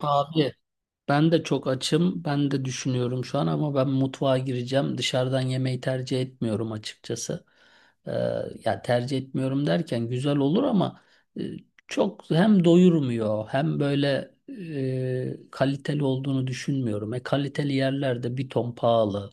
Abi ben de çok açım. Ben de düşünüyorum şu an ama ben mutfağa gireceğim. Dışarıdan yemeği tercih etmiyorum açıkçası. Ee, ya tercih etmiyorum derken güzel olur ama e, çok hem doyurmuyor hem böyle kaliteli olduğunu düşünmüyorum. E, kaliteli yerlerde bir ton pahalı.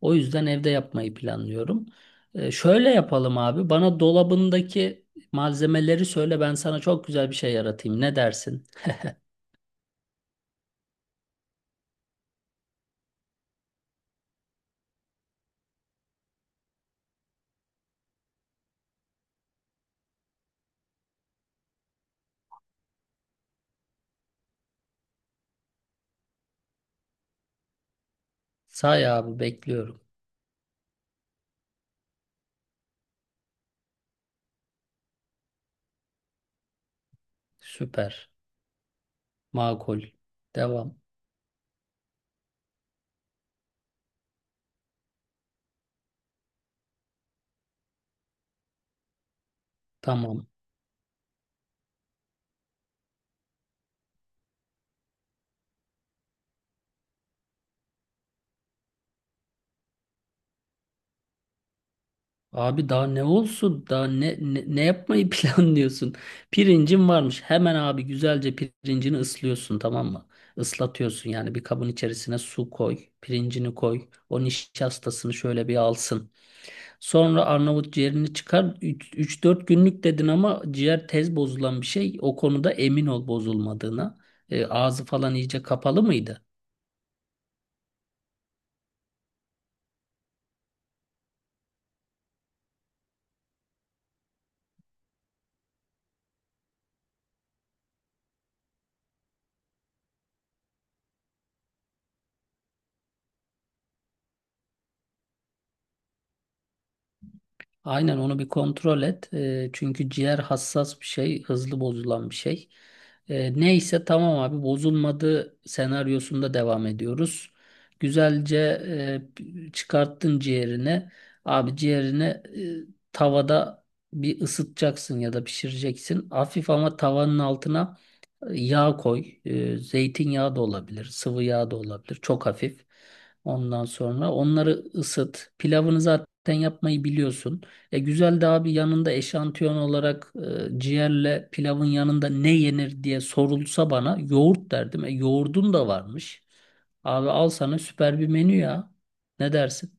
O yüzden evde yapmayı planlıyorum. Şöyle yapalım abi. Bana dolabındaki malzemeleri söyle ben sana çok güzel bir şey yaratayım. Ne dersin? Say abi bekliyorum. Süper. Makul. Devam. Tamam. Abi daha ne olsun? Daha ne yapmayı planlıyorsun? Pirincin varmış. Hemen abi güzelce pirincini ıslıyorsun tamam mı? Islatıyorsun yani bir kabın içerisine su koy. Pirincini koy. O nişastasını şöyle bir alsın. Sonra Arnavut ciğerini çıkar. Üç dört günlük dedin ama ciğer tez bozulan bir şey. O konuda emin ol bozulmadığına. Ağzı falan iyice kapalı mıydı? Aynen onu bir kontrol et. Çünkü ciğer hassas bir şey, hızlı bozulan bir şey. Neyse tamam abi bozulmadı senaryosunda devam ediyoruz. Güzelce çıkarttın ciğerini. Abi ciğerini tavada bir ısıtacaksın ya da pişireceksin. Hafif ama tavanın altına yağ koy. Zeytinyağı da olabilir. Sıvı yağ da olabilir. Çok hafif. Ondan sonra onları ısıt. Pilavını zaten yapmayı biliyorsun. Güzel de abi yanında eşantiyon olarak ciğerle pilavın yanında ne yenir diye sorulsa bana yoğurt derdim. Yoğurdun da varmış. Abi al sana süper bir menü ya. Ne dersin?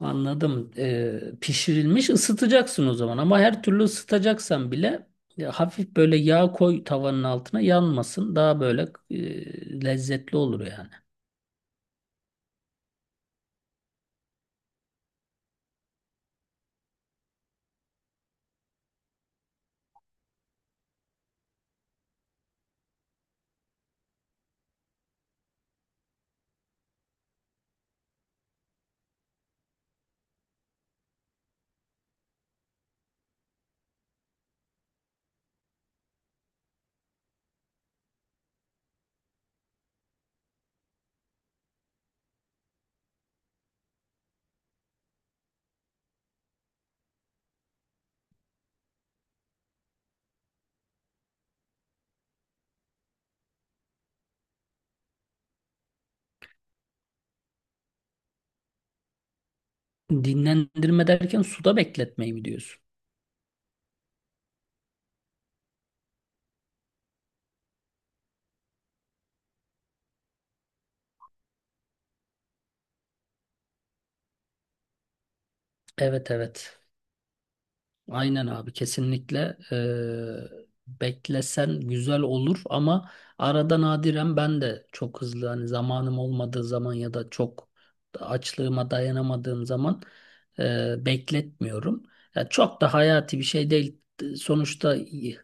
Anladım. Pişirilmiş ısıtacaksın o zaman ama her türlü ısıtacaksan bile hafif böyle yağ koy tavanın altına yanmasın. Daha böyle lezzetli olur yani. Dinlendirme derken suda bekletmeyi mi diyorsun? Evet, evet. Aynen abi kesinlikle beklesen güzel olur ama arada nadiren ben de çok hızlı hani zamanım olmadığı zaman ya da çok açlığıma dayanamadığım zaman bekletmiyorum. Ya çok da hayati bir şey değil. Sonuçta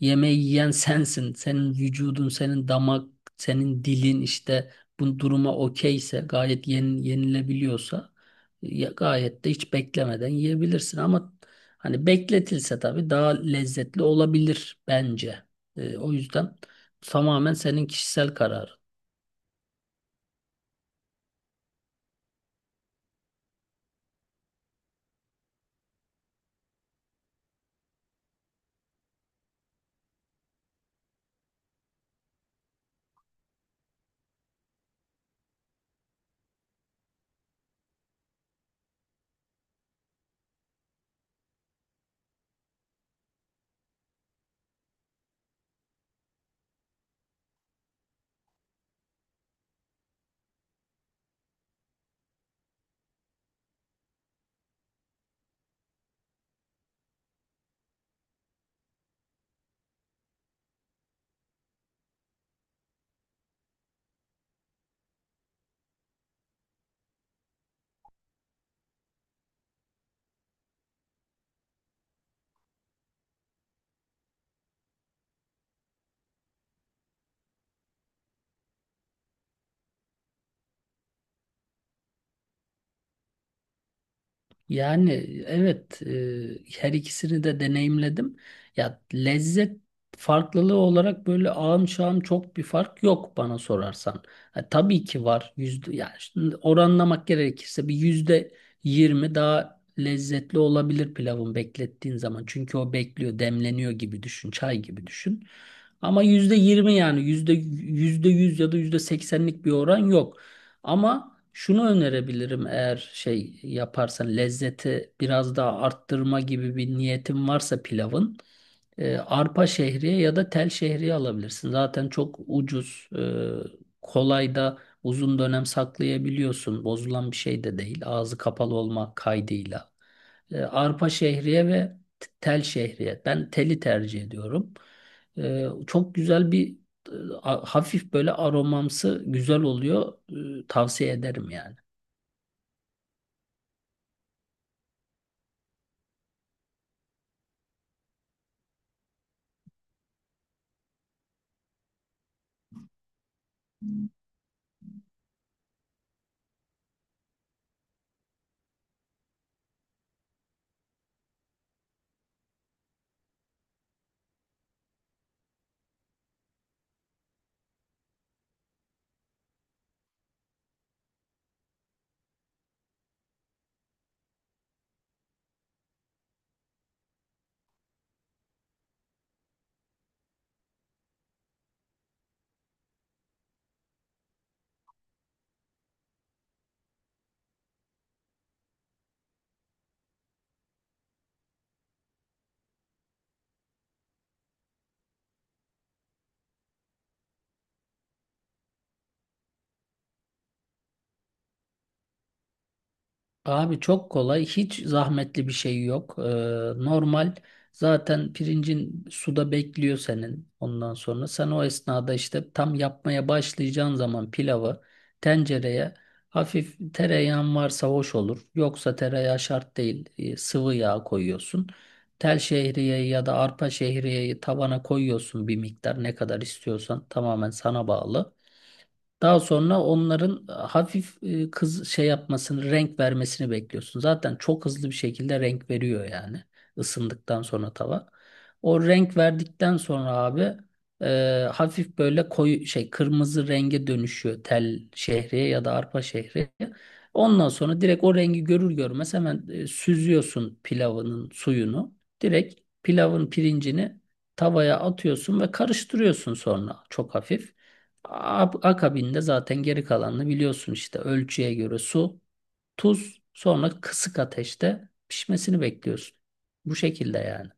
yemeği yiyen sensin. Senin vücudun, senin damak, senin dilin işte bu duruma okeyse gayet yenilebiliyorsa ya gayet de hiç beklemeden yiyebilirsin ama hani bekletilse tabii daha lezzetli olabilir bence. O yüzden tamamen senin kişisel kararın. Yani evet, her ikisini de deneyimledim. Ya lezzet farklılığı olarak böyle ağım şağım çok bir fark yok bana sorarsan. Ha, tabii ki var yüzde yani şimdi oranlamak gerekirse bir %20 daha lezzetli olabilir pilavın beklettiğin zaman. Çünkü o bekliyor demleniyor gibi düşün çay gibi düşün. Ama %20 yani yüzde yüz ya da %80'lik bir oran yok. Ama şunu önerebilirim eğer şey yaparsan lezzeti biraz daha arttırma gibi bir niyetin varsa pilavın arpa şehriye ya da tel şehriye alabilirsin. Zaten çok ucuz, kolay da uzun dönem saklayabiliyorsun. Bozulan bir şey de değil. Ağzı kapalı olma kaydıyla. Arpa şehriye ve tel şehriye. Ben teli tercih ediyorum. Çok güzel bir e, hafif böyle aromamsı güzel oluyor. Tavsiye ederim yani. Abi çok kolay, hiç zahmetli bir şey yok. Normal zaten pirincin suda bekliyor senin ondan sonra. Sen o esnada işte tam yapmaya başlayacağın zaman pilavı tencereye hafif tereyağın varsa hoş olur. Yoksa tereyağı şart değil. Sıvı yağ koyuyorsun. Tel şehriyeyi ya da arpa şehriyeyi tavana koyuyorsun bir miktar, ne kadar istiyorsan tamamen sana bağlı. Daha sonra onların hafif kız şey yapmasını, renk vermesini bekliyorsun. Zaten çok hızlı bir şekilde renk veriyor yani ısındıktan sonra tava. O renk verdikten sonra abi hafif böyle koyu şey kırmızı renge dönüşüyor tel şehriye ya da arpa şehriye. Ondan sonra direkt o rengi görür görmez hemen süzüyorsun pilavının suyunu. Direkt pilavın pirincini tavaya atıyorsun ve karıştırıyorsun sonra çok hafif. Akabinde zaten geri kalanını biliyorsun işte ölçüye göre su, tuz, sonra kısık ateşte pişmesini bekliyorsun. Bu şekilde yani.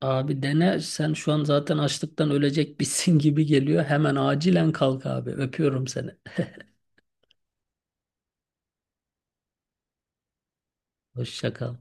Abi dene sen şu an zaten açlıktan ölecek bitsin gibi geliyor. Hemen acilen kalk abi. Öpüyorum seni. Hoşça kal.